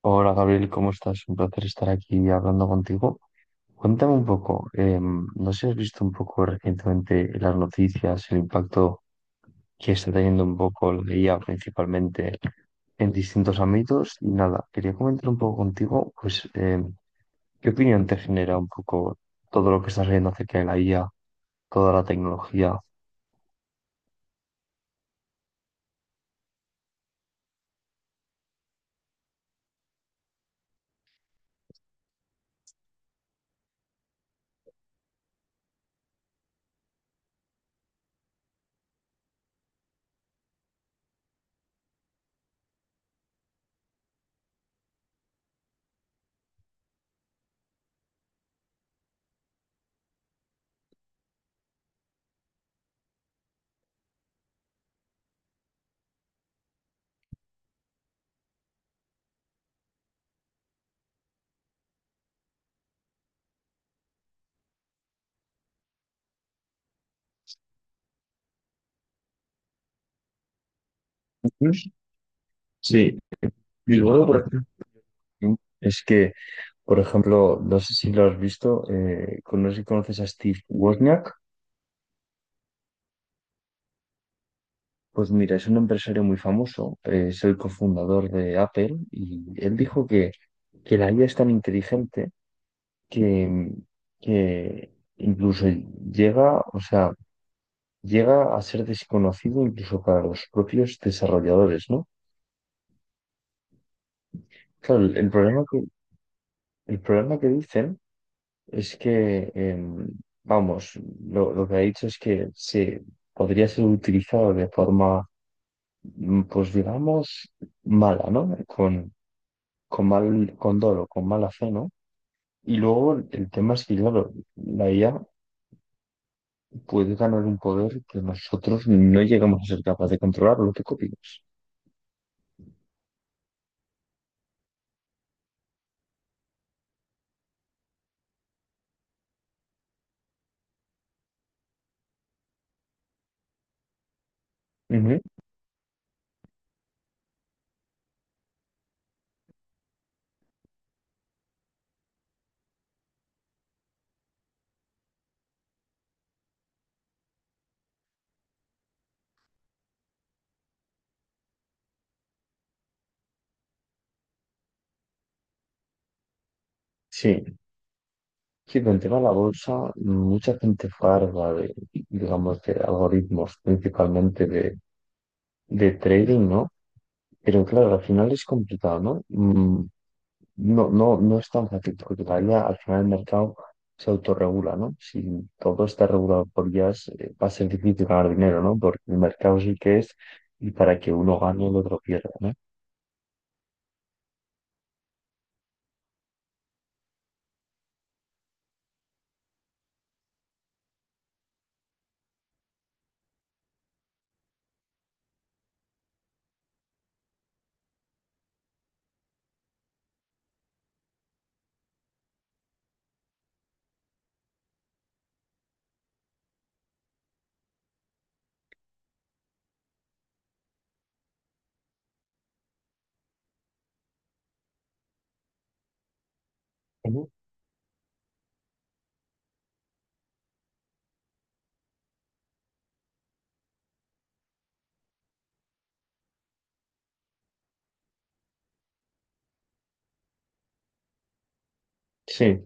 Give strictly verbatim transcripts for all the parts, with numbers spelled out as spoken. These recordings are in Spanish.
Hola Gabriel, ¿cómo estás? Un placer estar aquí hablando contigo. Cuéntame un poco, eh, no sé si has visto un poco recientemente en las noticias, el impacto que está teniendo un poco la I A principalmente en distintos ámbitos y nada, quería comentar un poco contigo, pues, eh, ¿qué opinión te genera un poco todo lo que estás viendo acerca de la I A, toda la tecnología? Sí, y luego, por ejemplo, es que Por ejemplo, no sé si lo has visto, eh, con- no sé si conoces a Steve Wozniak. Pues mira, es un empresario muy famoso, eh, es el cofundador de Apple y él dijo que, que la I A es tan inteligente que, que incluso llega, o sea, llega a ser desconocido incluso para los propios desarrolladores, ¿no? Claro, el, el problema que, el problema que dicen es que, em, vamos, lo, lo que ha dicho es que se podría ser utilizado de forma, mm, pues digamos, mala, ¿no? Con, con mal, con dolo, con mala fe, ¿no? Y luego el tema es que, claro, la I A puede ganar un poder que nosotros no llegamos a ser capaces de controlar, lo que copiamos. Sí, sí, pero el tema de la bolsa, mucha gente farda de, digamos, de algoritmos, principalmente de, de trading, ¿no? Pero claro, al final es complicado, ¿no? Mm, No, no, no es tan fácil, porque todavía al final el mercado se autorregula, ¿no? Si todo está regulado por I As, eh, va a ser difícil ganar dinero, ¿no? Porque el mercado sí que es, y para que uno gane, el otro pierda, ¿no? Sí,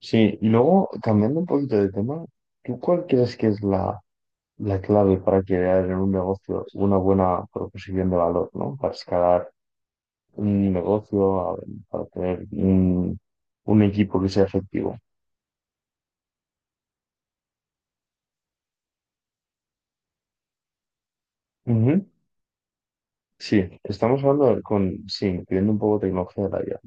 sí. Luego, cambiando un poquito de tema, ¿tú cuál crees que es la, la clave para crear en un negocio una buena proposición de valor, ¿no? Para escalar un negocio, a- para tener un, un equipo que sea efectivo. Ujú. Sí, estamos hablando con, sí, incluyendo un poco tecnología de la I A.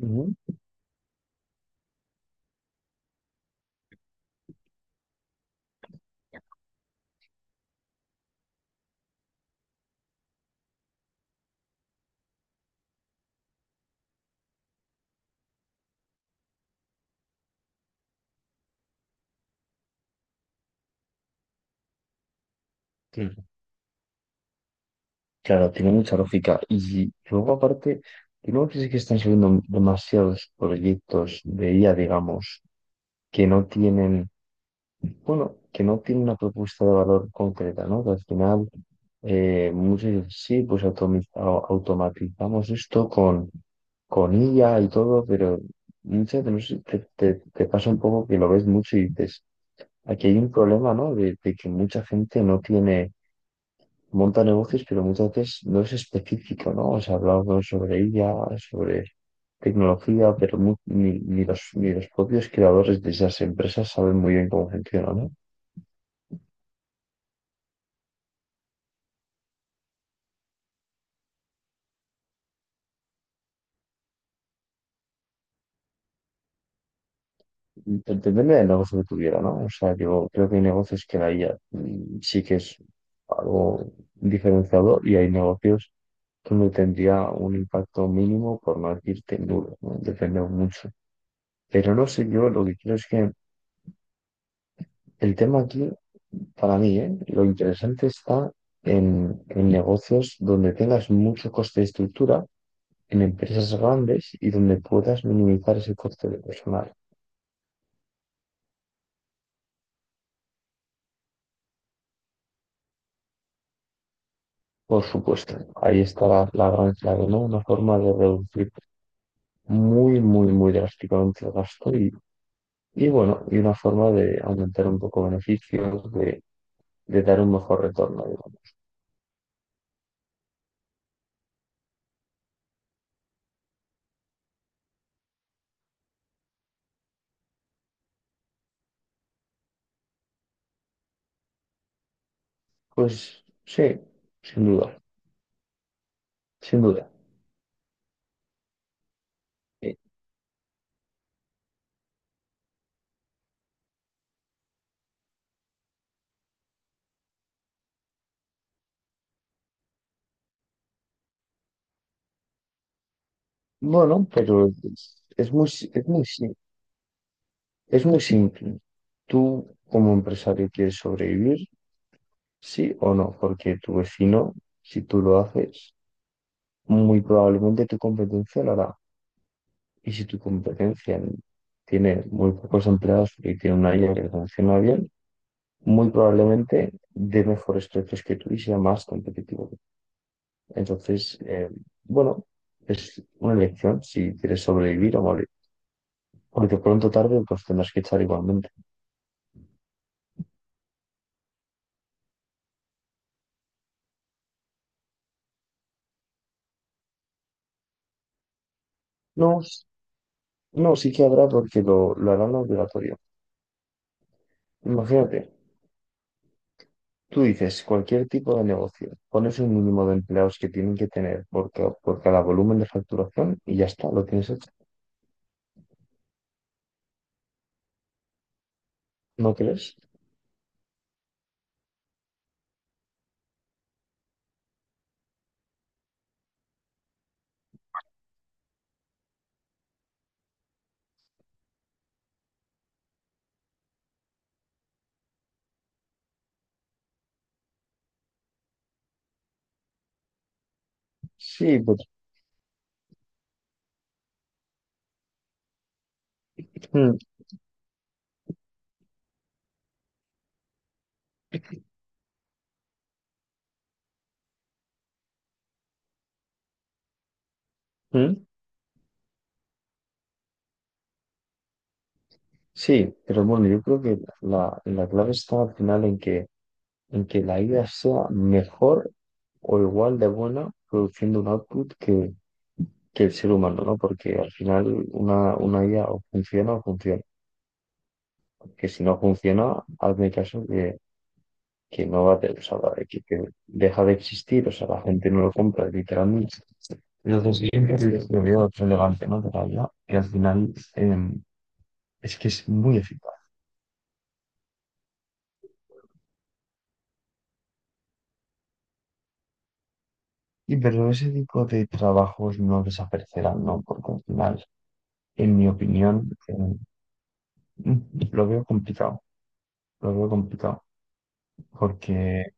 Ujú. Sí. Claro, tiene mucha lógica. Y luego, aparte, ¿tú no crees que están saliendo demasiados proyectos de I A, digamos, que no tienen Bueno, que no tiene una propuesta de valor concreta, ¿no? Que al final eh, muchos dicen, sí, pues automi- au- automatizamos esto con, con I A y todo, pero muchas veces te, te, te pasa un poco que lo ves mucho y dices, aquí hay un problema, ¿no? De, de que mucha gente no tiene, monta negocios, pero muchas veces no es específico, ¿no? O sea, hablamos sobre I A, sobre tecnología, pero mu- ni, ni los, ni los propios creadores de esas empresas saben muy bien cómo funciona, ¿no? Pues depende del negocio que tuviera, ¿no? O sea, yo creo que hay negocios que la I A, mm, sí que es algo diferenciador y hay negocios donde tendría un impacto mínimo, por no decirte nulo, ¿no? Depende mucho. Pero no sé, yo lo que creo es que el tema aquí, para mí, ¿eh? Lo interesante está en, en negocios donde tengas mucho coste de estructura, en empresas grandes y donde puedas minimizar ese coste de personal. Por supuesto, ahí está la, la gran clave, ¿no? Una forma de reducir muy, muy, muy drásticamente el gasto y, y bueno, y una forma de aumentar un poco beneficios, de, de dar un mejor retorno, digamos. Pues sí, sin duda, sin duda. Eh, bueno, pero es, es muy, si- es muy, si- es muy simple. Tú, como empresario, quieres sobrevivir, sí o no, porque tu vecino, si tú lo haces, muy probablemente tu competencia lo hará. Y si tu competencia tiene muy pocos empleados y tiene una I A que funciona bien, muy probablemente dé mejores precios que tú y sea más competitivo. Entonces, eh, bueno, es una elección si quieres sobrevivir o morir. Porque pronto o tarde pues tendrás que echar igualmente. No, s- no, sí que habrá porque lo, lo harán obligatorio. Imagínate, tú dices cualquier tipo de negocio, pones un mínimo de empleados que tienen que tener por, ca- por cada volumen de facturación y ya está, lo tienes hecho. ¿No crees? Sí, pero, mm, mm, sí, pero bueno, yo creo que la, la clave está al final en que, en que la idea sea mejor o igual de buena produciendo un output que, que el ser humano, ¿no? Porque al final una, una I A o funciona o funciona. Que si no funciona, hazme caso que, que no va a tener, o sea, que, que deja de existir, o sea, la gente no lo compra, literalmente. Entonces, sí, es lo veo otro elegante, ¿no? De la I A, que al final em, es que es muy eficaz. Y pero ese tipo de trabajos no desaparecerán, ¿no? Porque al final, en mi opinión, eh, lo veo complicado, lo veo complicado. Porque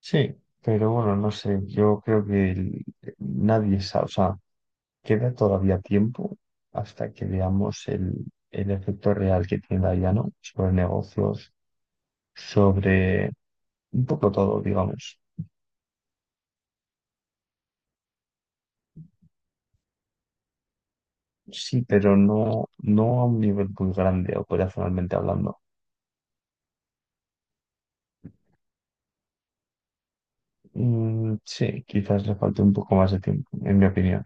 sí, pero bueno, no sé, yo creo que el- nadie sabe, o sea, queda todavía tiempo hasta que veamos el, el efecto real que tiene la I A, ¿no? Sobre negocios, sobre un poco todo, digamos. Sí, pero no, no a un nivel muy grande operacionalmente hablando. Mm, sí, quizás le falte un poco más de tiempo, en mi opinión.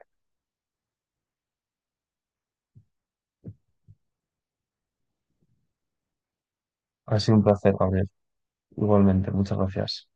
Ha sido un placer, Gabriel. Igualmente, muchas gracias.